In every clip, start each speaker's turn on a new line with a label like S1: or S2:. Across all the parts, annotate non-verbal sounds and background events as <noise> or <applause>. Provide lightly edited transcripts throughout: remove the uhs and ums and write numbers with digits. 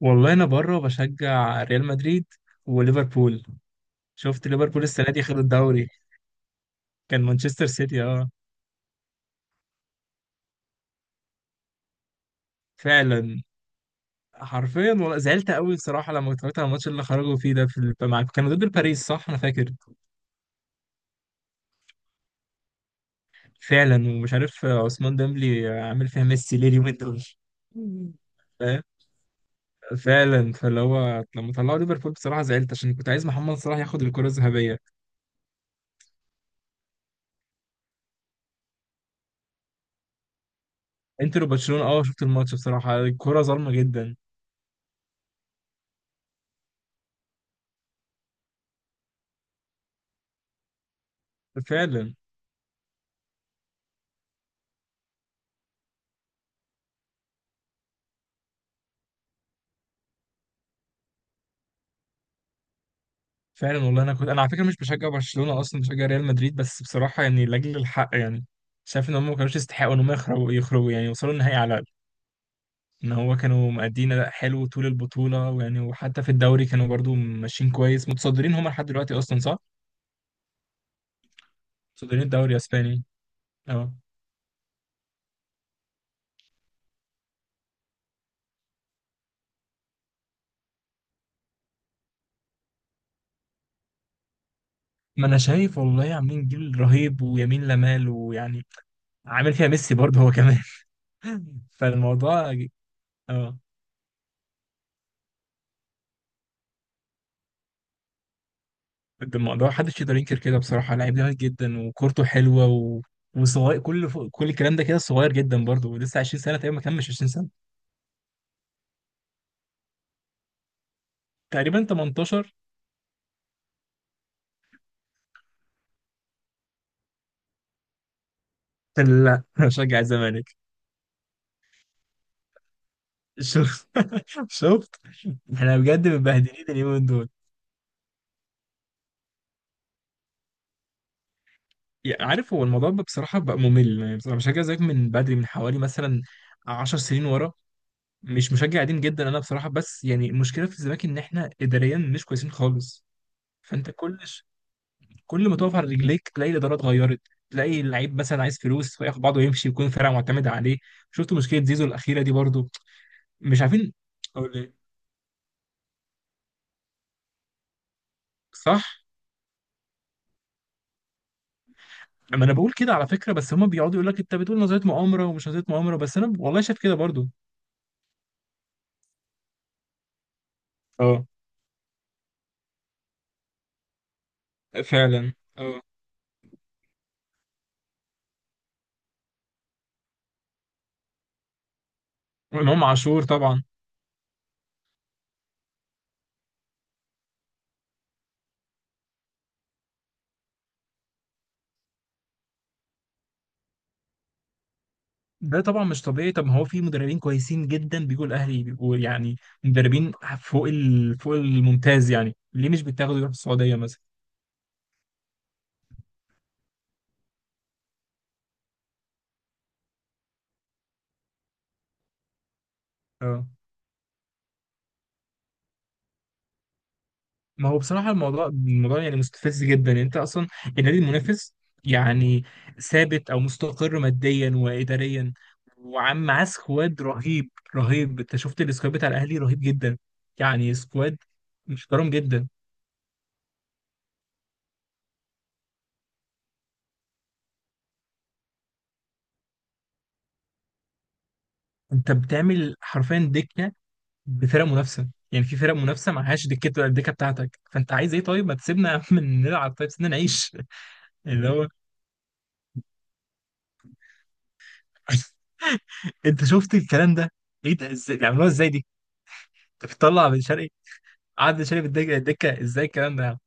S1: والله انا بره بشجع ريال مدريد وليفربول. شفت ليفربول السنه دي خد الدوري. كان مانشستر سيتي فعلا، حرفيا والله زعلت قوي بصراحه لما اتفرجت على الماتش اللي خرجوا فيه ده كانوا ضد باريس، صح انا فاكر. فعلا، ومش عارف عثمان ديمبلي عامل فيها ميسي ليه اليومين دول. فاهم؟ فعلا، فاللي هو لما طلعوا ليفربول بصراحه زعلت عشان كنت عايز محمد صلاح ياخد الكره الذهبيه. انتر وبرشلونه، اه شفت الماتش بصراحه الكره ظالمه جدا. فعلا. فعلا والله انا كنت، انا على فكره مش بشجع برشلونه اصلا، بشجع ريال مدريد، بس بصراحه يعني لاجل الحق يعني شايف ان هم ما كانوش يستحقوا ان هم يخرجوا يعني، وصلوا النهائي على الاقل. ان هو كانوا مأدين اداء حلو طول البطوله، ويعني وحتى في الدوري كانوا برضو ماشيين كويس، متصدرين هم لحد دلوقتي اصلا صح؟ متصدرين الدوري الاسباني. اه. ما انا شايف والله عاملين جيل رهيب ويمين لمال، ويعني عامل فيها ميسي برضه هو كمان. <laughs> فالموضوع اه الموضوع محدش يقدر ينكر كده بصراحة، لعيب جامد جدا وكورته حلوة وصغير، كل الكلام ده كده صغير جدا برضه، ولسه 20 سنة تقريبا، ما كملش 20 سنة، تقريبا 18. لا، <laughs> أنا بشجع الزمالك. شوف، <laughs> شفت. احنا بجد متبهدلين اليومين دول. يعني عارف، هو الموضوع بقى بصراحة بقى ممل. يعني بصراحة بشجع الزمالك من بدري، من حوالي مثلا 10 سنين ورا، مش مشجع قديم جدا انا بصراحة. بس يعني المشكلة في الزمالك ان احنا اداريا مش كويسين خالص. فانت كل كل ما تقف على رجليك تلاقي الاداره اتغيرت، تلاقي اللعيب مثلا عايز فلوس فياخد بعضه ويمشي، يكون الفرقه معتمده عليه. شفت مشكله زيزو الاخيره دي برضو؟ مش عارفين. اقول ايه؟ صح. اما انا بقول كده على فكره، بس هما بيقعدوا يقول لك انت بتقول نظريه مؤامره ومش نظريه مؤامره، بس انا والله شايف كده برضو. اه. فعلا اه. وامام عاشور طبعا. ده طبعا مش طبيعي، طب ما هو في مدربين كويسين جدا بيجوا الاهلي بيبقوا يعني مدربين فوق الممتاز، يعني ليه مش بيتاخدوا يروحوا السعوديه مثلا؟ اه. ما هو بصراحة الموضوع، الموضوع يعني مستفز جدا. يعني انت اصلا النادي المنافس يعني ثابت او مستقر ماديا واداريا، وعم معاه سكواد رهيب رهيب. انت شفت السكواد بتاع الاهلي، رهيب جدا. يعني سكواد محترم جدا. انت بتعمل حرفيا دكة بفرق منافسة، يعني في فرق منافسة معهاش دكة الدكة بتاعتك، فانت عايز ايه؟ طيب ما تسيبنا <laughs> يا عم نلعب، طيب سيبنا نعيش. <laughs> اللي هو. <laughs> انت شفت الكلام ده؟ ايه ده، ازاي بيعملوها ازاي دي؟ انت بتطلع بن شرقي، قعد شارب الدكه. الدكه ازاي الكلام ده يا عم؟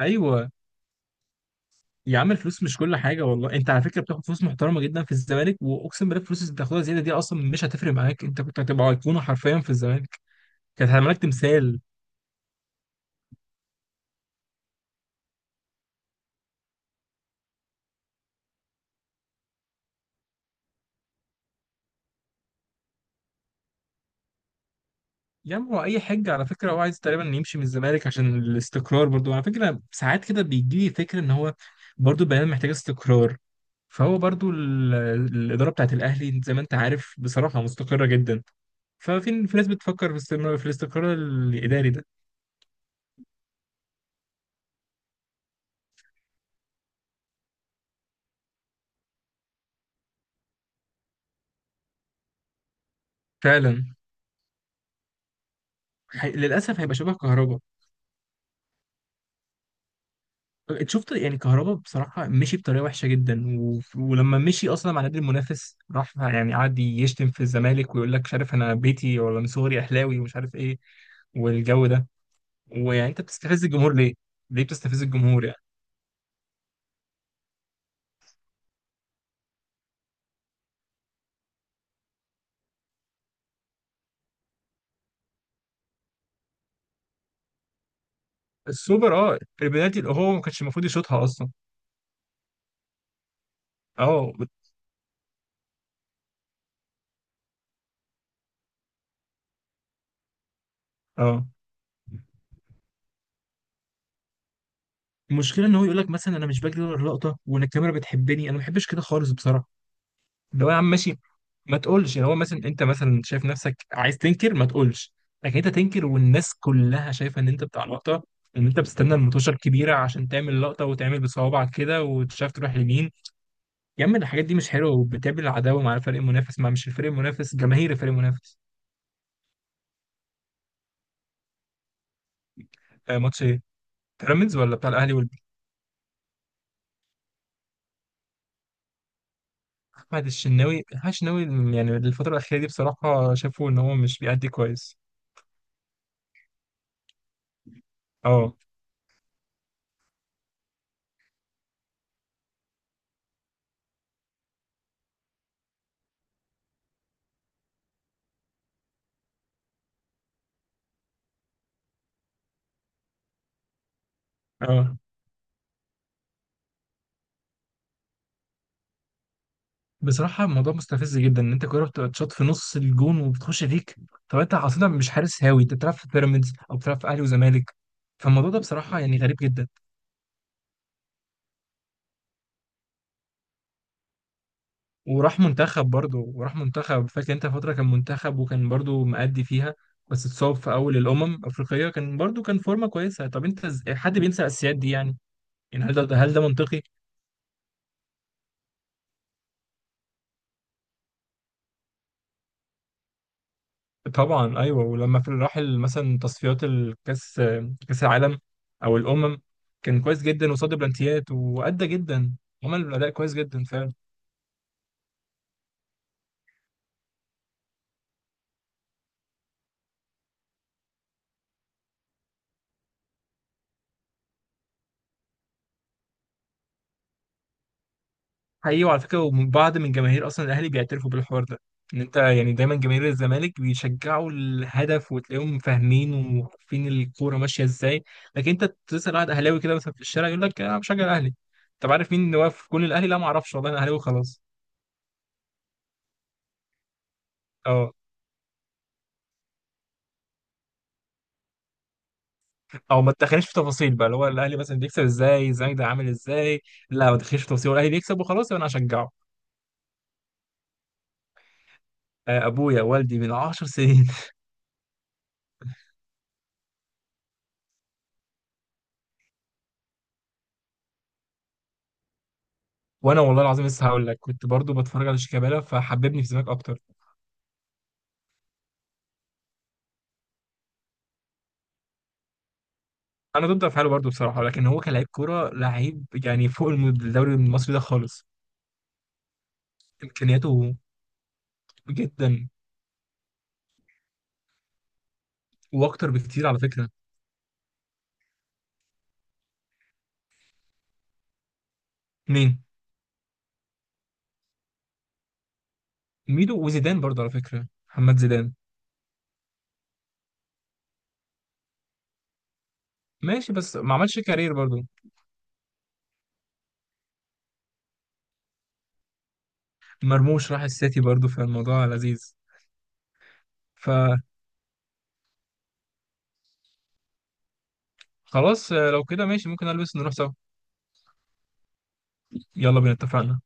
S1: ايوه. يا عم الفلوس مش كل حاجه والله، انت على فكره بتاخد فلوس محترمه جدا في الزمالك، واقسم بالله الفلوس اللي بتاخدها زياده دي اصلا مش هتفرق معاك، انت كنت هتبقى ايقونه حرفيا في الزمالك. كانت هتعمل لك تمثال. يا عم هو اي حاجه، على فكره هو عايز تقريبا يمشي من الزمالك عشان الاستقرار برضو. على فكره ساعات كده بيجي لي فكره ان هو برضو البيان محتاج استقرار، فهو برضو الاداره بتاعت الاهلي زي ما انت عارف بصراحه مستقره جدا، ففي ناس بتفكر في استمرار، في الاستقرار الاداري ده. فعلا. للاسف هيبقى شبه كهربا. انت شفت يعني، كهربا بصراحه مشي بطريقه وحشه جدا ولما مشي اصلا مع نادي المنافس راح يعني قعد يشتم في الزمالك ويقول لك مش عارف انا بيتي ولا من صغري اهلاوي ومش عارف ايه، والجو ده. ويعني انت بتستفز الجمهور ليه؟ ليه بتستفز الجمهور يعني؟ السوبر اه، البنالتي اللي هو ما كانش المفروض يشوطها اصلا. اه. اه. المشكله ان هو يقول لك مثلا انا مش بجري ورا اللقطه وان الكاميرا بتحبني، انا ما بحبش كده خالص بصراحه. اللي هو يا عم ماشي، ما تقولش اللي هو مثلا، انت مثلا شايف نفسك عايز تنكر ما تقولش، لكن انت تنكر والناس كلها شايفه ان انت بتاع لقطه، ان انت بتستنى المطوشه الكبيره عشان تعمل لقطه، وتعمل بصوابعك كده وتشاف تروح يمين. يا عم الحاجات دي مش حلوه، وبتقابل العداوه مع الفريق المنافس، مع مش الفريق المنافس، جماهير الفريق المنافس. آه، ماتش ايه؟ بيراميدز ولا بتاع الاهلي احمد الشناوي. احمد الشناوي يعني الفتره الاخيره دي بصراحه شافوا ان هو مش بيأدي كويس. اه. اه. بصراحة الموضوع مستفز جدا، ان انت كورة بتتشاط في نص الجون وبتخش فيك. طب انت اصلا مش حارس هاوي، انت بتلعب في بيراميدز او بتلعب في اهلي وزمالك، فالموضوع ده بصراحة يعني غريب جدا. وراح منتخب برضه، وراح منتخب فاكر انت فترة، كان منتخب وكان برضه مأدي فيها، بس اتصاب في اول الامم الافريقية. كان برضه كان فورمة كويسة، طب انت حد بينسى الاساسيات دي يعني؟ يعني هل ده، هل ده منطقي؟ طبعا، ايوه ولما في الراحل مثلا تصفيات الكاس، كاس العالم او الامم، كان كويس جدا وصد بلانتيات وادى جدا. عمل اداء كويس جدا فعلا. حقيقي، وعلى فكره وبعض من جماهير اصلا الاهلي بيعترفوا بالحوار ده، ان انت يعني دايما جماهير الزمالك بيشجعوا الهدف وتلاقيهم فاهمين وعارفين الكوره ماشيه ازاي. لكن انت تسال واحد اهلاوي كده مثلا في الشارع يقول لك انا بشجع الاهلي، طب عارف مين اللي واقف في جون الاهلي؟ لا ما اعرفش، والله انا اهلاوي خلاص. او ما تدخليش في تفاصيل بقى، اللي هو الاهلي مثلا بيكسب ازاي، زايد عامل ازاي، لا ما تدخليش في تفاصيل، الاهلي بيكسب وخلاص يبقى انا هشجعه. آه، ابويا والدي من 10 سنين. <laughs> وانا والله العظيم لسه هقول لك، كنت برضو بتفرج على شيكابالا فحببني في سماك اكتر. انا ضد افعاله برضو بصراحه، لكن هو كلاعب كوره لعيب يعني فوق الدوري المصري ده خالص. امكانياته جدا، واكتر بكتير على فكره. مين؟ ميدو وزيدان برضو على فكره، محمد زيدان. ماشي بس ما عملش كارير برضو. مرموش راح السيتي برضو، فالموضوع لذيذ. خلاص آه، لو كده ماشي، ممكن البس نروح سوا. يلا بينا، اتفقنا.